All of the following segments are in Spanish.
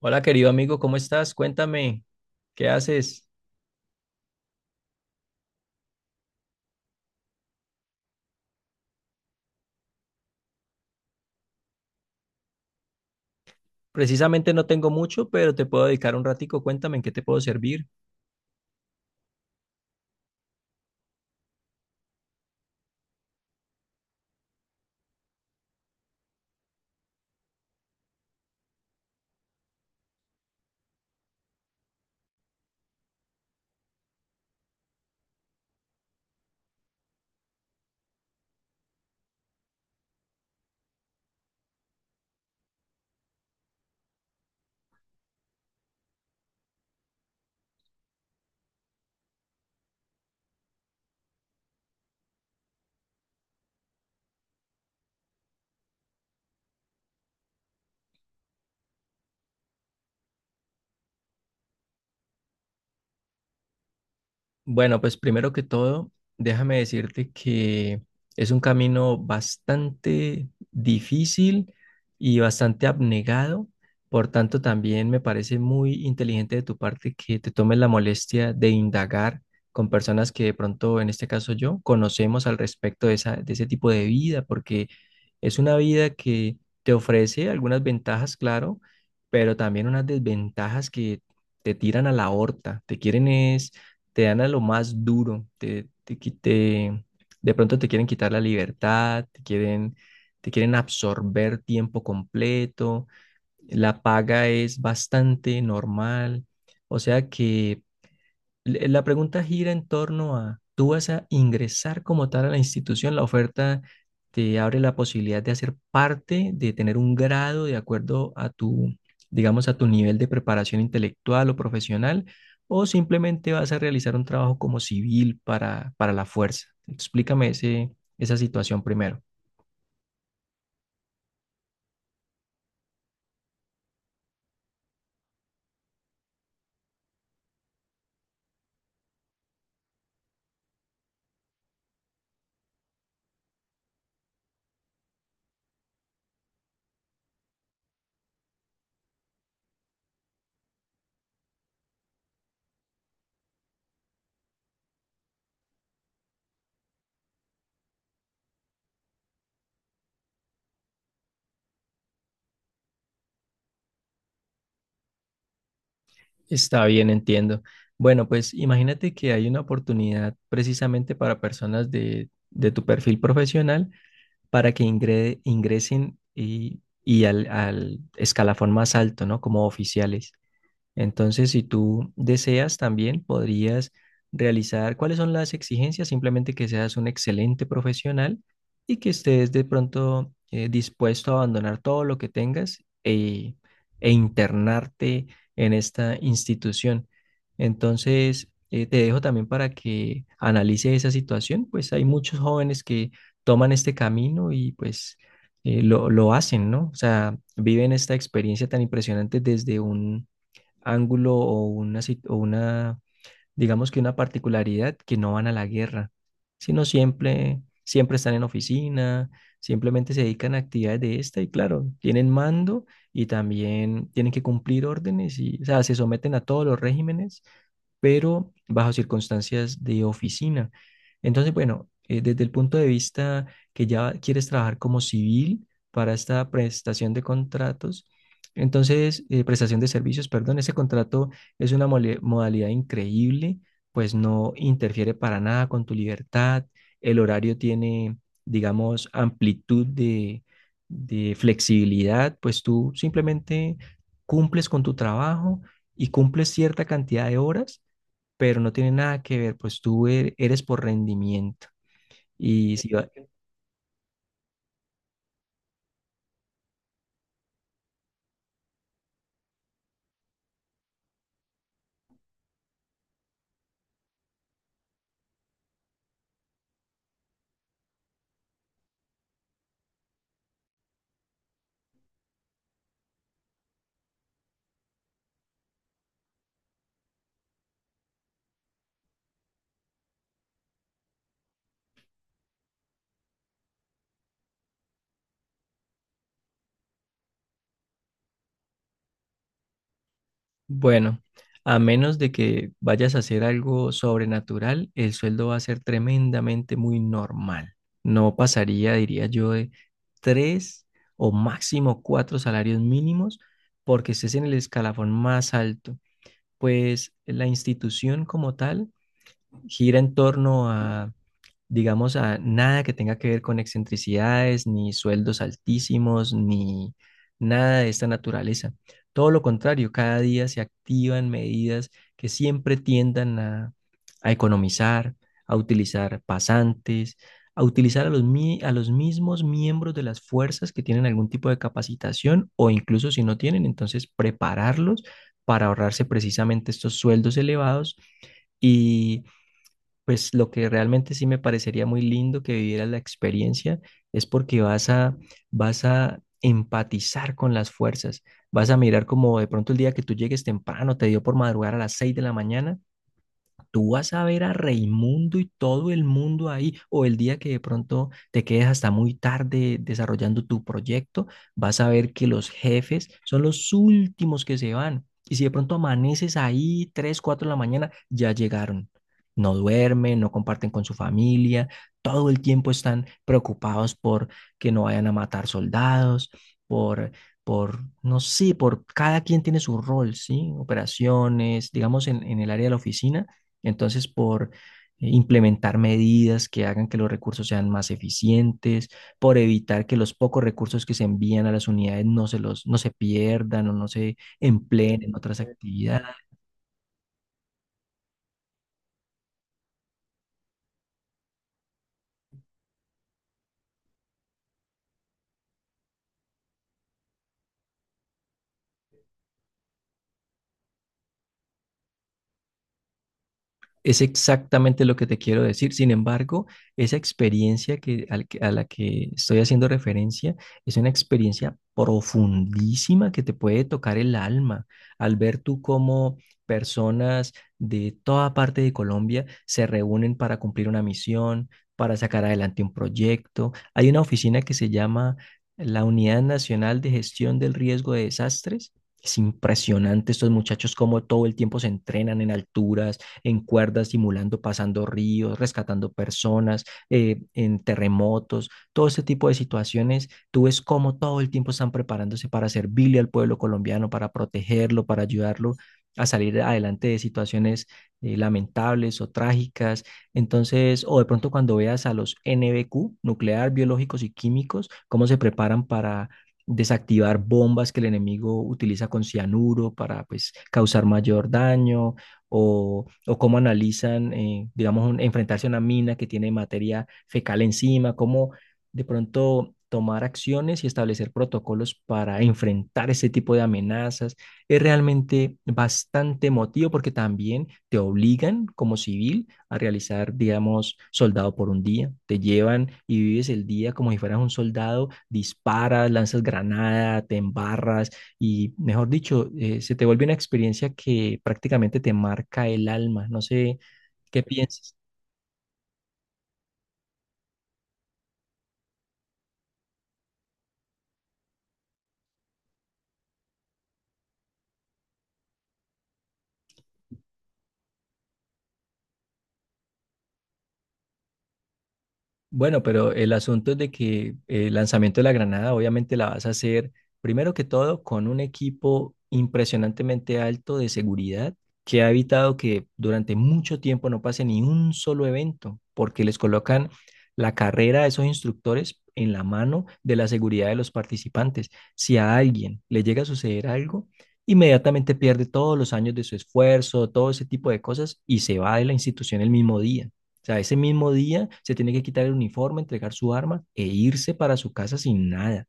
Hola, querido amigo, ¿cómo estás? Cuéntame, ¿qué haces? Precisamente no tengo mucho, pero te puedo dedicar un ratico. Cuéntame, ¿en qué te puedo servir? Bueno, pues primero que todo, déjame decirte que es un camino bastante difícil y bastante abnegado. Por tanto, también me parece muy inteligente de tu parte que te tomes la molestia de indagar con personas que de pronto, en este caso yo, conocemos al respecto de ese tipo de vida, porque es una vida que te ofrece algunas ventajas, claro, pero también unas desventajas que te tiran a la horta, te quieren es te dan a lo más duro, de pronto te quieren quitar la libertad, te quieren absorber tiempo completo, la paga es bastante normal, o sea que la pregunta gira en torno a, ¿tú vas a ingresar como tal a la institución? La oferta te abre la posibilidad de hacer parte, de tener un grado de acuerdo a tu, digamos, a tu nivel de preparación intelectual o profesional, o simplemente vas a realizar un trabajo como civil para la fuerza. Explícame esa situación primero. Está bien, entiendo. Bueno, pues imagínate que hay una oportunidad precisamente para personas de tu perfil profesional para que ingresen y al escalafón más alto, ¿no? Como oficiales. Entonces, si tú deseas también, podrías realizar cuáles son las exigencias, simplemente que seas un excelente profesional y que estés de pronto dispuesto a abandonar todo lo que tengas e, e internarte en esta institución. Entonces, te dejo también para que analice esa situación, pues hay muchos jóvenes que toman este camino y pues lo hacen, ¿no? O sea, viven esta experiencia tan impresionante desde un ángulo o una, digamos que una particularidad que no van a la guerra, sino siempre, siempre están en oficina, simplemente se dedican a actividades de esta y claro, tienen mando y también tienen que cumplir órdenes y, o sea, se someten a todos los regímenes pero bajo circunstancias de oficina. Entonces, bueno, desde el punto de vista que ya quieres trabajar como civil para esta prestación de contratos, entonces, prestación de servicios, perdón, ese contrato es una modalidad increíble, pues no interfiere para nada con tu libertad, el horario tiene, digamos, amplitud de flexibilidad, pues tú simplemente cumples con tu trabajo y cumples cierta cantidad de horas pero no tiene nada que ver, pues tú eres por rendimiento. Y si va- bueno, a menos de que vayas a hacer algo sobrenatural, el sueldo va a ser tremendamente muy normal. No pasaría, diría yo, de tres o máximo cuatro salarios mínimos porque estés en el escalafón más alto. Pues la institución como tal gira en torno a, digamos, a nada que tenga que ver con excentricidades, ni sueldos altísimos, ni nada de esta naturaleza. Todo lo contrario, cada día se activan medidas que siempre tiendan a economizar, a utilizar pasantes, a utilizar a a los mismos miembros de las fuerzas que tienen algún tipo de capacitación o incluso si no tienen, entonces prepararlos para ahorrarse precisamente estos sueldos elevados y pues lo que realmente sí me parecería muy lindo que viviera la experiencia es porque vas a empatizar con las fuerzas, vas a mirar como de pronto el día que tú llegues temprano, te dio por madrugar a las 6 de la mañana. Tú vas a ver a Raimundo y todo el mundo ahí, o el día que de pronto te quedes hasta muy tarde desarrollando tu proyecto, vas a ver que los jefes son los últimos que se van. Y si de pronto amaneces ahí 3, 4 de la mañana, ya llegaron. No duermen, no comparten con su familia, todo el tiempo están preocupados por que no vayan a matar soldados, por no sé, por cada quien tiene su rol, ¿sí? Operaciones, digamos, en el área de la oficina, entonces, por implementar medidas que hagan que los recursos sean más eficientes, por evitar que los pocos recursos que se envían a las unidades no se pierdan o no se empleen en otras actividades. Es exactamente lo que te quiero decir. Sin embargo, esa experiencia a la que estoy haciendo referencia es una experiencia profundísima que te puede tocar el alma al ver tú cómo personas de toda parte de Colombia se reúnen para cumplir una misión, para sacar adelante un proyecto. Hay una oficina que se llama la Unidad Nacional de Gestión del Riesgo de Desastres. Es impresionante estos muchachos cómo todo el tiempo se entrenan en alturas, en cuerdas, simulando, pasando ríos, rescatando personas, en terremotos, todo ese tipo de situaciones. Tú ves cómo todo el tiempo están preparándose para servirle al pueblo colombiano, para protegerlo, para ayudarlo a salir adelante de situaciones lamentables o trágicas. Entonces, o de pronto cuando veas a los NBQ, nuclear, biológicos y químicos, cómo se preparan para desactivar bombas que el enemigo utiliza con cianuro para pues causar mayor daño o cómo analizan, digamos, enfrentarse a una mina que tiene materia fecal encima, cómo de pronto tomar acciones y establecer protocolos para enfrentar ese tipo de amenazas. Es realmente bastante emotivo porque también te obligan como civil a realizar, digamos, soldado por un día. Te llevan y vives el día como si fueras un soldado, disparas, lanzas granada, te embarras, y, mejor dicho, se te vuelve una experiencia que prácticamente te marca el alma. No sé qué piensas. Bueno, pero el asunto es de que el lanzamiento de la granada obviamente la vas a hacer primero que todo con un equipo impresionantemente alto de seguridad que ha evitado que durante mucho tiempo no pase ni un solo evento, porque les colocan la carrera a esos instructores en la mano de la seguridad de los participantes. Si a alguien le llega a suceder algo, inmediatamente pierde todos los años de su esfuerzo, todo ese tipo de cosas y se va de la institución el mismo día. O sea, ese mismo día se tiene que quitar el uniforme, entregar su arma e irse para su casa sin nada.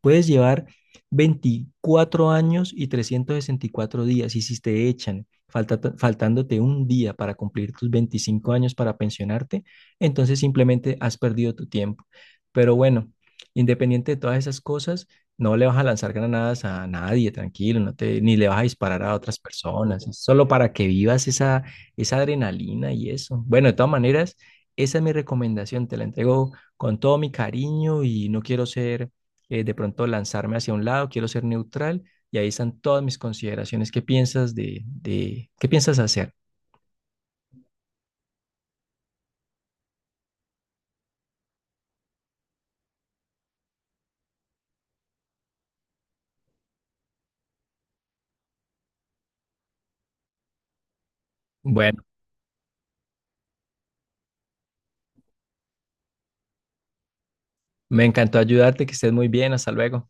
Puedes llevar 24 años y 364 días y si te echan faltándote un día para cumplir tus 25 años para pensionarte, entonces simplemente has perdido tu tiempo. Pero bueno, independiente de todas esas cosas, no le vas a lanzar granadas a nadie, tranquilo, no te, ni le vas a disparar a otras personas, es solo para que vivas esa adrenalina y eso. Bueno, de todas maneras, esa es mi recomendación, te la entrego con todo mi cariño y no quiero ser, de pronto lanzarme hacia un lado, quiero ser neutral y ahí están todas mis consideraciones. ¿Qué piensas qué piensas hacer? Bueno, me encantó ayudarte, que estés muy bien, hasta luego.